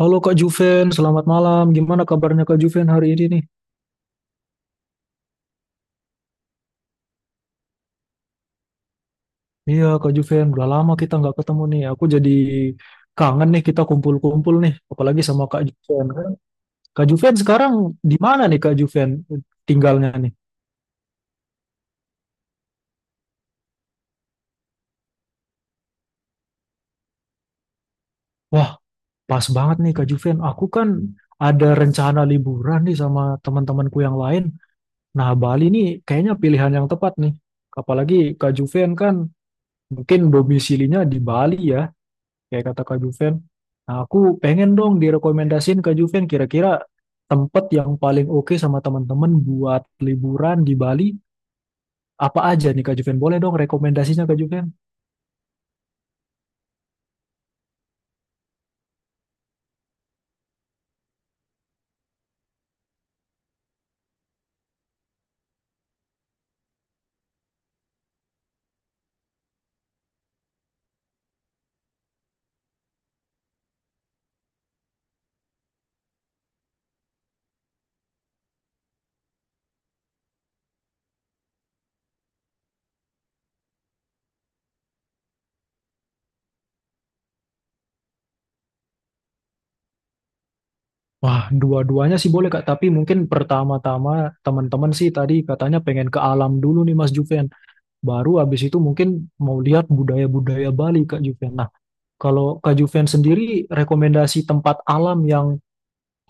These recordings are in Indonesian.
Halo Kak Juven, selamat malam. Gimana kabarnya Kak Juven hari ini nih? Iya Kak Juven, udah lama kita nggak ketemu nih. Aku jadi kangen nih kita kumpul-kumpul nih, apalagi sama Kak Juven, kan. Kak Juven sekarang di mana nih Kak Juven tinggalnya nih? Wah, pas banget nih Kak Juven. Aku kan ada rencana liburan nih sama teman-temanku yang lain. Nah, Bali nih kayaknya pilihan yang tepat nih. Apalagi Kak Juven kan mungkin domisilinya di Bali ya, kayak kata Kak Juven. Nah, aku pengen dong direkomendasiin Kak Juven kira-kira tempat yang paling oke sama teman-teman buat liburan di Bali apa aja nih Kak Juven? Boleh dong rekomendasinya Kak Juven? Wah, dua-duanya sih boleh Kak, tapi mungkin pertama-tama teman-teman sih tadi katanya pengen ke alam dulu nih Mas Juven. Baru habis itu mungkin mau lihat budaya-budaya Bali Kak Juven. Nah, kalau Kak Juven sendiri rekomendasi tempat alam yang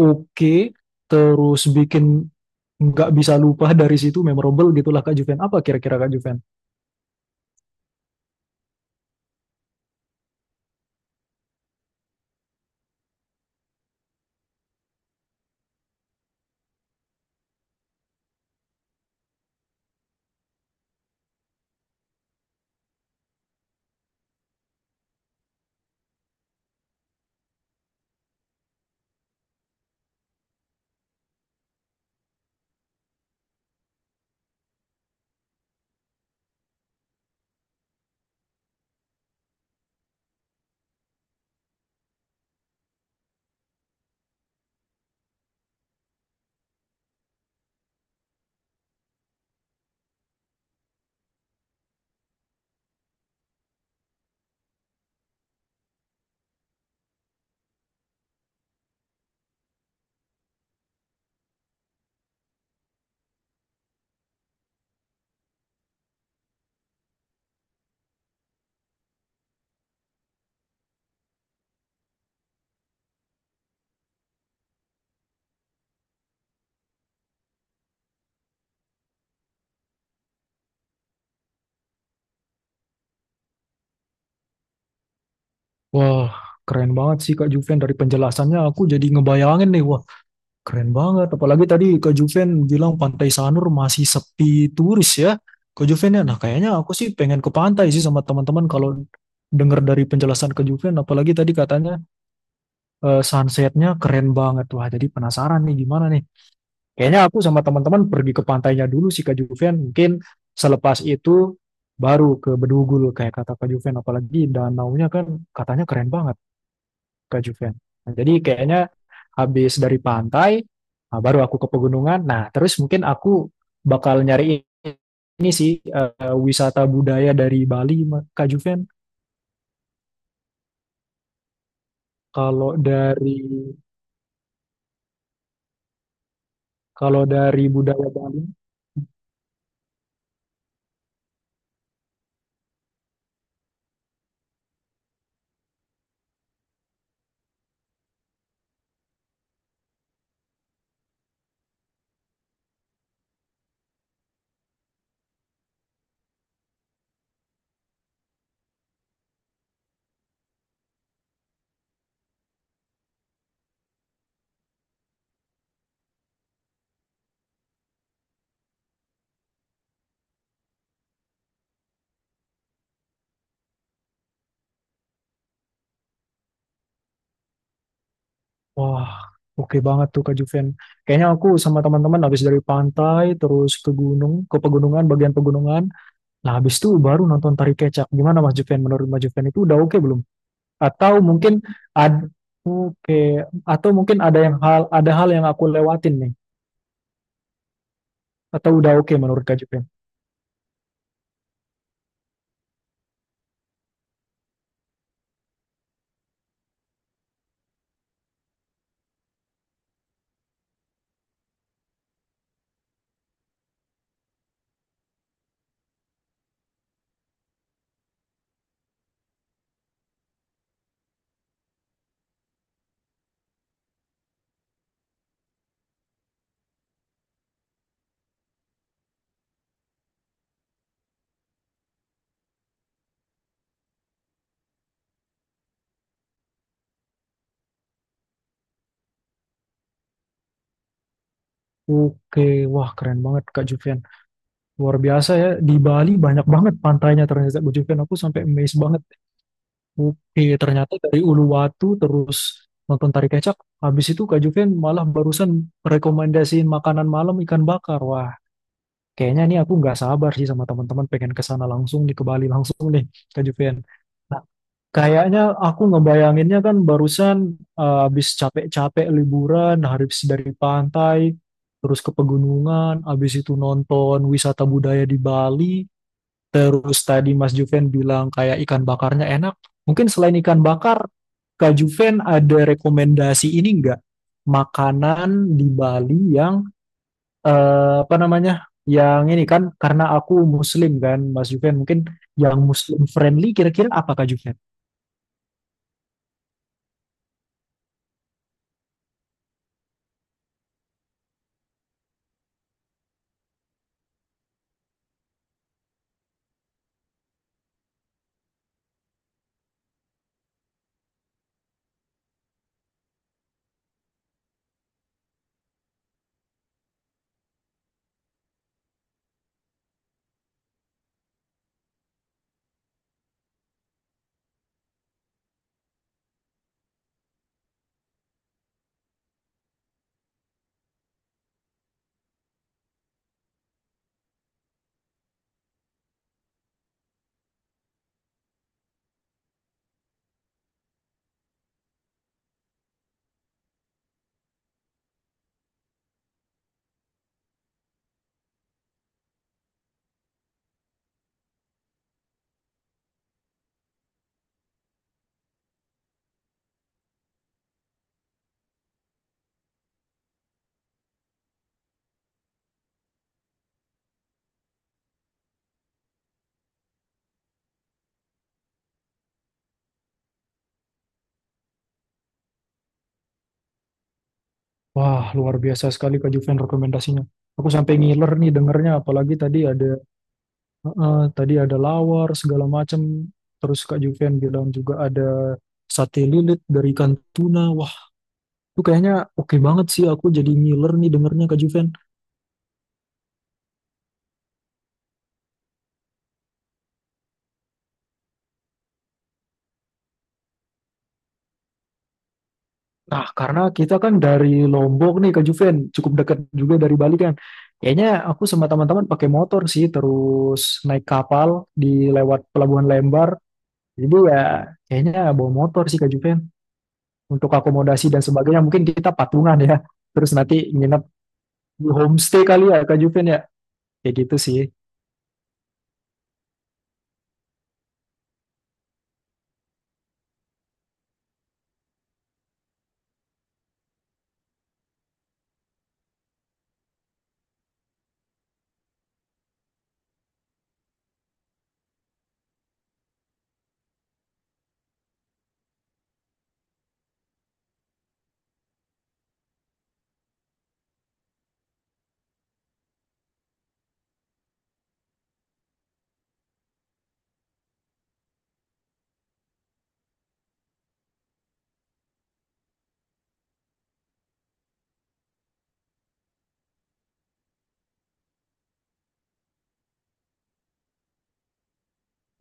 oke terus bikin nggak bisa lupa dari situ memorable gitulah Kak Juven. Apa kira-kira Kak Juven? Wah, keren banget sih Kak Juven, dari penjelasannya aku jadi ngebayangin nih. Wah, keren banget. Apalagi tadi Kak Juven bilang Pantai Sanur masih sepi turis ya. Kak Juven ya, nah kayaknya aku sih pengen ke pantai sih sama teman-teman kalau dengar dari penjelasan Kak Juven. Apalagi tadi katanya sunsetnya keren banget. Wah, jadi penasaran nih gimana nih. Kayaknya aku sama teman-teman pergi ke pantainya dulu sih Kak Juven. Mungkin selepas itu baru ke Bedugul kayak kata Kak Juven. Apalagi danaunya kan katanya keren banget Kak Juven. Nah, jadi kayaknya habis dari pantai, nah, baru aku ke pegunungan. Nah, terus mungkin aku bakal nyari ini sih wisata budaya dari Bali Kak Juven. Kalau dari kalau dari budaya Bali. Wah, oke banget tuh Kak Juven. Kayaknya aku sama teman-teman habis dari pantai, terus ke gunung, ke pegunungan, bagian pegunungan. Nah, habis itu baru nonton tari kecak. Gimana Mas Juven? Menurut Mas Juven itu udah oke belum? Atau mungkin ada oke, atau mungkin ada hal yang aku lewatin nih. Atau udah oke menurut Kak Juven? Oke, wah keren banget Kak Juven. Luar biasa ya, di Bali banyak banget pantainya ternyata Kak Juven. Aku sampai amazed banget. Oke, ternyata dari Uluwatu terus nonton tari kecak. Habis itu Kak Juven malah barusan rekomendasiin makanan malam ikan bakar. Wah, kayaknya nih aku nggak sabar sih sama teman-teman pengen ke sana langsung nih, ke Bali langsung nih Kak Juven. Nah, kayaknya aku ngebayanginnya kan barusan habis capek-capek liburan, habis dari pantai, terus ke pegunungan, habis itu nonton wisata budaya di Bali. Terus tadi Mas Juven bilang kayak ikan bakarnya enak. Mungkin selain ikan bakar, Kak Juven ada rekomendasi ini nggak. Makanan di Bali yang apa namanya? Yang ini kan karena aku muslim kan, Mas Juven mungkin yang muslim friendly kira-kira apa Kak Juven? Wah, luar biasa sekali Kak Juven rekomendasinya. Aku sampai ngiler nih dengernya apalagi tadi ada tadi ada lawar segala macam. Terus Kak Juven bilang juga ada sate lilit dari ikan tuna. Itu kayaknya oke banget sih, aku jadi ngiler nih dengernya Kak Juven. Nah, karena kita kan dari Lombok nih Kak Juven, cukup dekat juga dari Bali kan. Kayaknya aku sama teman-teman pakai motor sih, terus naik kapal di lewat Pelabuhan Lembar. Jadi ya kayaknya bawa motor sih Kak Juven. Untuk akomodasi dan sebagainya mungkin kita patungan ya. Terus nanti nginep di homestay kali ya Kak Juven ya. Kayak gitu sih.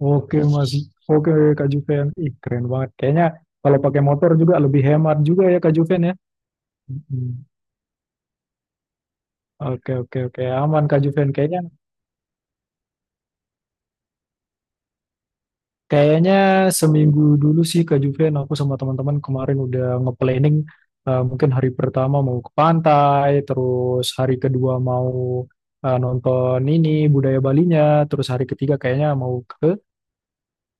Oke Mas, oke Kak Juven. Ih keren banget. Kayaknya kalau pakai motor juga lebih hemat juga ya Kak Juven ya. Mm-mm. Oke oke oke aman Kak Juven kayaknya. Kayaknya seminggu dulu sih Kak Juven, aku sama teman-teman kemarin udah nge-planning. Mungkin hari pertama mau ke pantai, terus hari kedua mau nonton ini budaya Balinya, terus hari ketiga kayaknya mau ke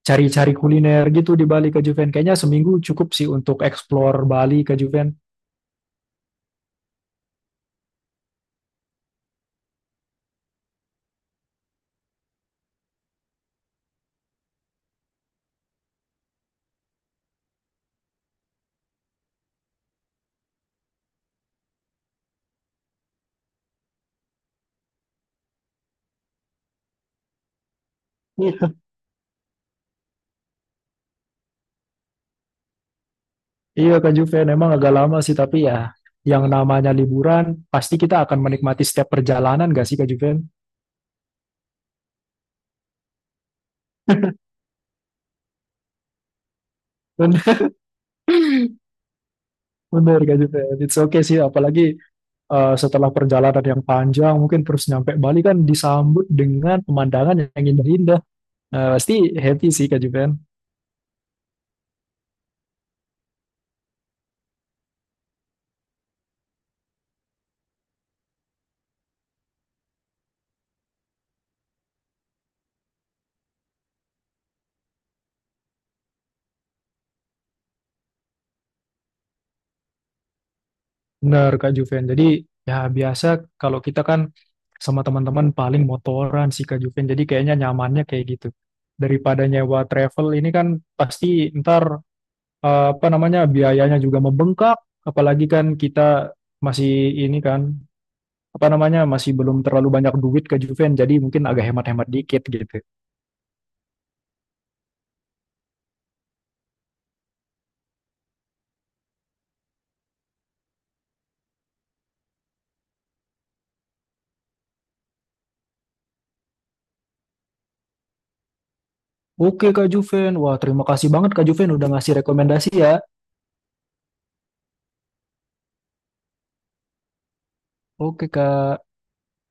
cari-cari kuliner gitu di Bali Kak Juven. Kayaknya seminggu cukup sih untuk explore Bali Kak Juven. Iya. Iya Kak Juven, emang agak lama sih tapi ya yang namanya liburan pasti kita akan menikmati setiap perjalanan gak sih Kak Juven? Bener, bener Kak Juven. It's okay sih, apalagi setelah perjalanan yang panjang, mungkin terus nyampe Bali kan disambut dengan pemandangan yang indah-indah. Nah, pasti happy sih Kak Juven. Bener Kak Juven. Jadi ya biasa kalau kita kan sama teman-teman paling motoran sih Kak Juven. Jadi kayaknya nyamannya kayak gitu. Daripada nyewa travel ini kan pasti ntar apa namanya biayanya juga membengkak. Apalagi kan kita masih ini kan apa namanya masih belum terlalu banyak duit Kak Juven, jadi mungkin agak hemat-hemat dikit gitu. Oke Kak Juven, wah terima kasih banget Kak Juven udah ngasih rekomendasi ya. Oke Kak.